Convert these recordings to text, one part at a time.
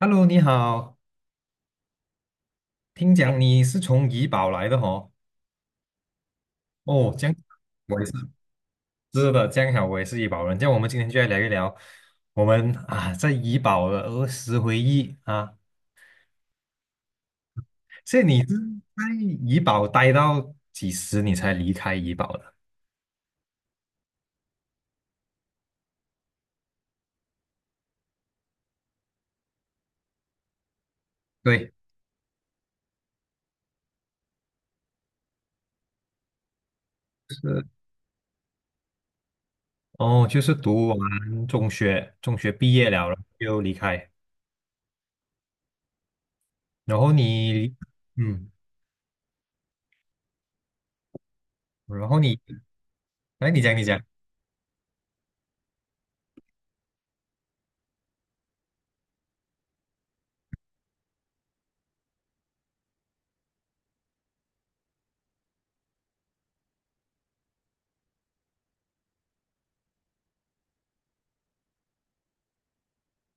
Hello，你好，听讲你是从怡保来的哦。哦，这样我也是。是的，这样好，我也是怡保人。这样我们今天就来聊一聊我们啊在怡保的儿时回忆啊。所以你是在怡保待到几时你才离开怡保的？对，是哦，就是读完中学，中学毕业了，然后就离开。然后你，嗯，然后你，来，你讲，你讲。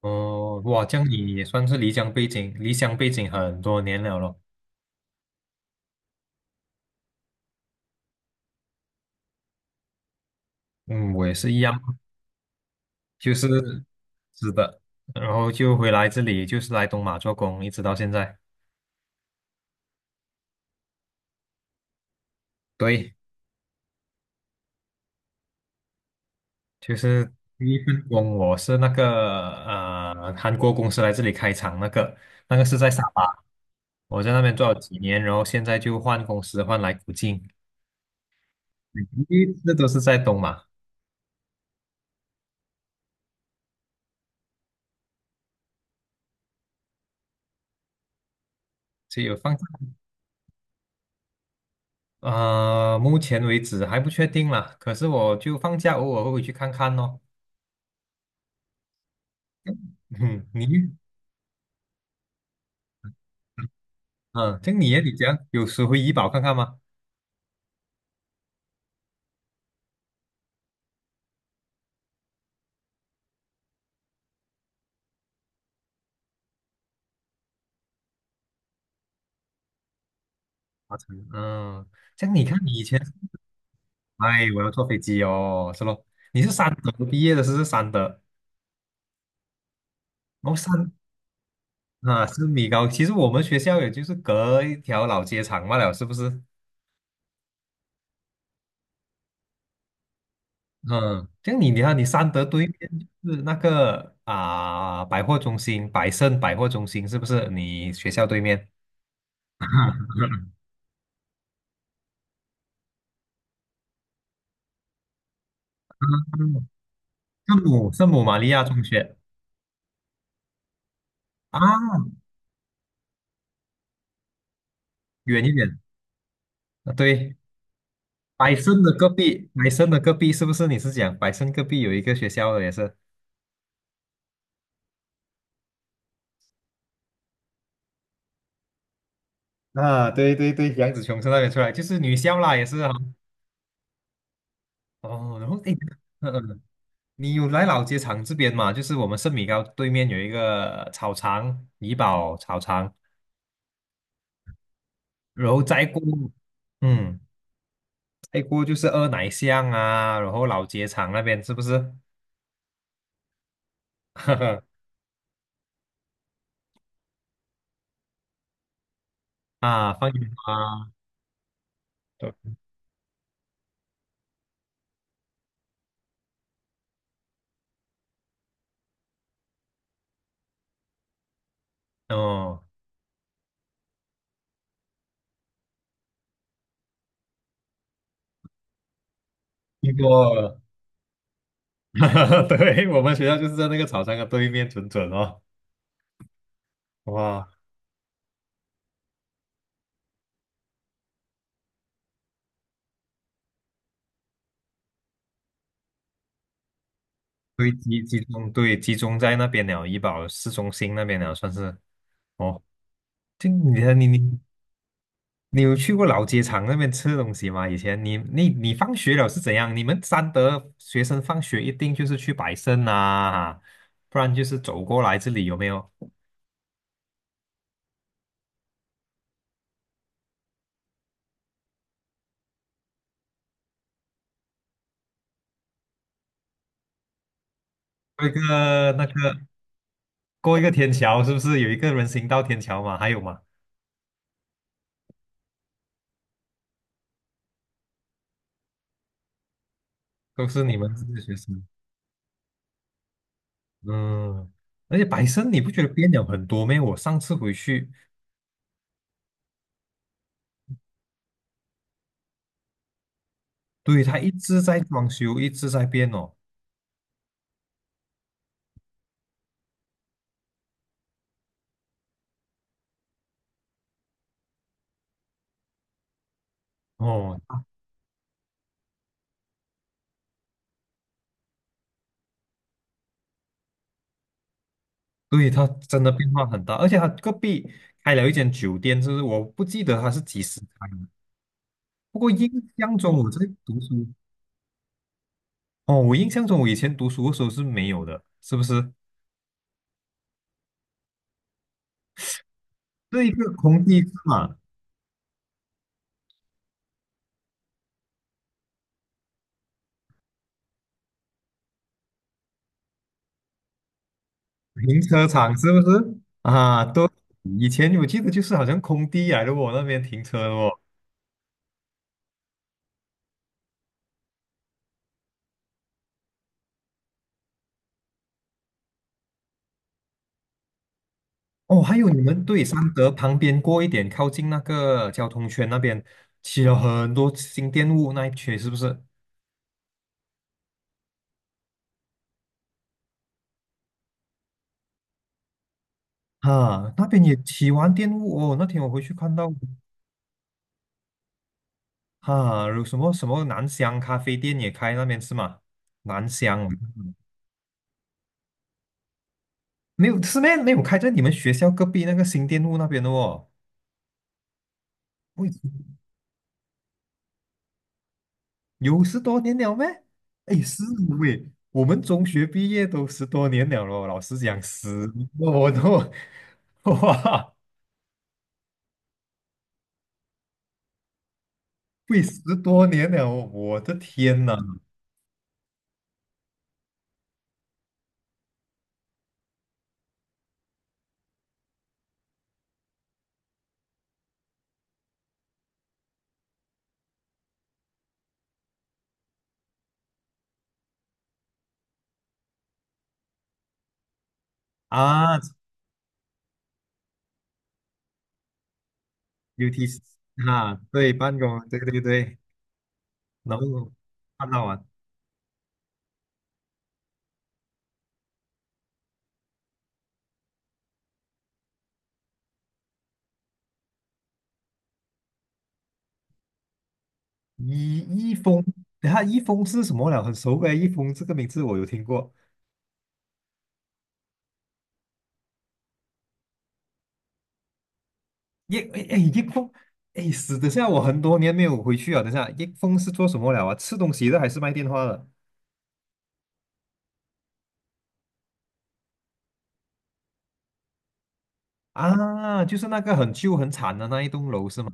哦，哇，这样你也算是离乡背景，离乡背景很多年了咯。嗯，我也是一样，就是是的，然后就回来这里，就是来东马做工，一直到现在。对，就是第一份工，我是那个韩国公司来这里开厂，那个那个是在沙巴，我在那边做了几年，然后现在就换公司换来古晋，第一次都是在东马，所以有放假。目前为止还不确定啦，可是我就放假偶尔会回去看看咯。嗯，你，嗯，像你耶，你这样有时回怡保看看吗？华城，嗯，像你看你以前，哎，我要坐飞机哦，是咯，你是三德毕业的，是不是三德？哦，三啊是米高，其实我们学校也就是隔一条老街长罢了，是不是？嗯，像你，你看你三德对面就是那个啊、百货中心，百盛百货中心是不是？你学校对面，圣母圣母玛利亚中学啊，远一点啊，对，百盛的隔壁，百盛的隔壁是不是？你是讲百盛隔壁有一个学校的也是？啊，对对对，杨紫琼从那边出来，就是女校啦，也是啊。哦，然后诶，嗯嗯，你有来老街场这边嘛？就是我们圣米高对面有一个草场，怡保草场，然后再过，嗯，再过就是二奶巷啊，然后老街场那边是不是？啊，放烟花，对，哦，经过了，对，我们学校就是在那个草场的对面，准准哦，哇。对，集集中对集中在那边了，怡保市中心那边了，算是哦。就你你你你有去过老街场那边吃东西吗？以前你你你放学了是怎样？你们三德学生放学一定就是去百盛啊，不然就是走过来这里有没有？过一个那个过一个天桥，是不是有一个人行道天桥嘛？还有吗？都是你们这些学生，嗯。而且百盛你不觉得变了很多咩？我上次回去。对，它一直在装修，一直在变哦。哦，对，它真的变化很大，而且它隔壁开了一间酒店，就是我不记得它是几时开的，不过印象中我在读书，哦，我印象中我以前读书的时候是没有的，是不是？这一个空地是嘛，停车场是不是？啊，都以前我记得就是好像空地来的哦，我那边停车哦。哦，还有你们对三德旁边过一点，靠近那个交通圈那边，起了很多新店雾那一区，是不是？啊，那边也起完店雾哦。那天我回去看到，啊，有什么什么南香咖啡店也开那边是吗？南香嗯没有是咩？没有开在你们学校隔壁那个新店路那边的哦。喂，有十多年了咩？哎，是喂，我们中学毕业都十多年了咯。老师讲十多都，哇！喂十多年了，我的天呐！啊，UTC 啊，对，办公，对对对，然后看到啊，一一封，等下一封是什么了？很熟诶，一封这个名字我有听过。一哎哎，一封，哎，死等下我很多年没有回去啊。等下一封是做什么了啊？吃东西的还是卖电话的？啊，就是那个很旧很惨的那一栋楼是吗？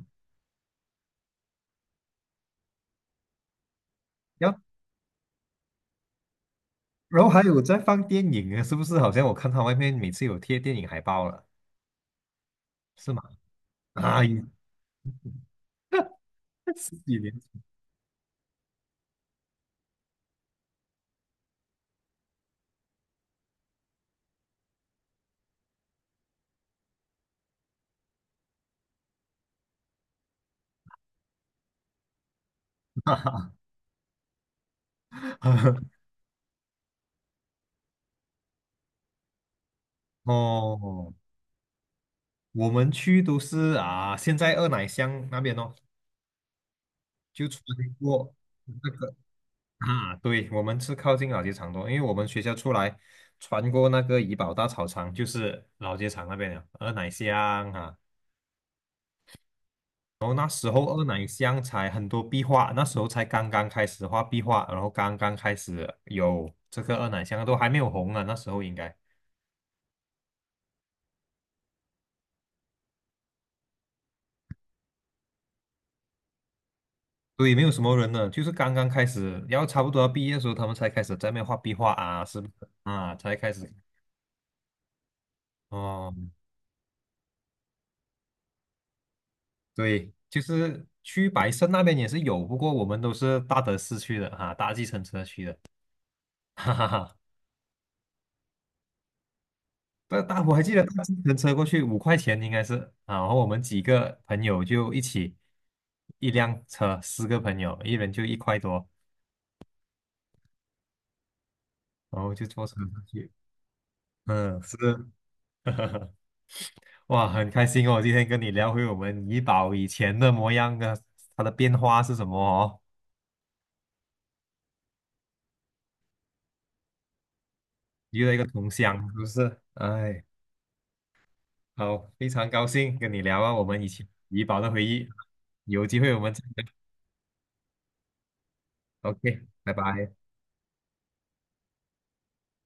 然后然后还有在放电影啊，是不是？好像我看他外面每次有贴电影海报了，是吗？啊，十几年 哦，我们去都是啊，现在二奶乡那边哦，就穿过那个啊，对，我们是靠近老街场多，因为我们学校出来穿过那个怡保大草场，就是老街场那边了，二奶乡啊。然后那时候二奶乡才很多壁画，那时候才刚刚开始画壁画，然后刚刚开始有这个二奶乡都还没有红啊，那时候应该。对，没有什么人呢，就是刚刚开始，然后差不多要毕业的时候，他们才开始在那边画壁画啊，是不是啊？才开始哦，对，就是去白胜那边也是有，不过我们都是搭德市区的哈、搭计程车去的，哈哈哈。搭搭我还记得搭计程车过去五块钱应该是啊，然后我们几个朋友就一起一辆车，四个朋友，一人就一块多，然后就坐车上去，嗯，是。哇，很开心哦，今天跟你聊回我们怡宝以前的模样啊，它的变化是什么哦？遇到一个同乡，是不是？哎，好，非常高兴跟你聊啊，我们以前怡宝的回忆，有机会我们再聊。OK,拜拜。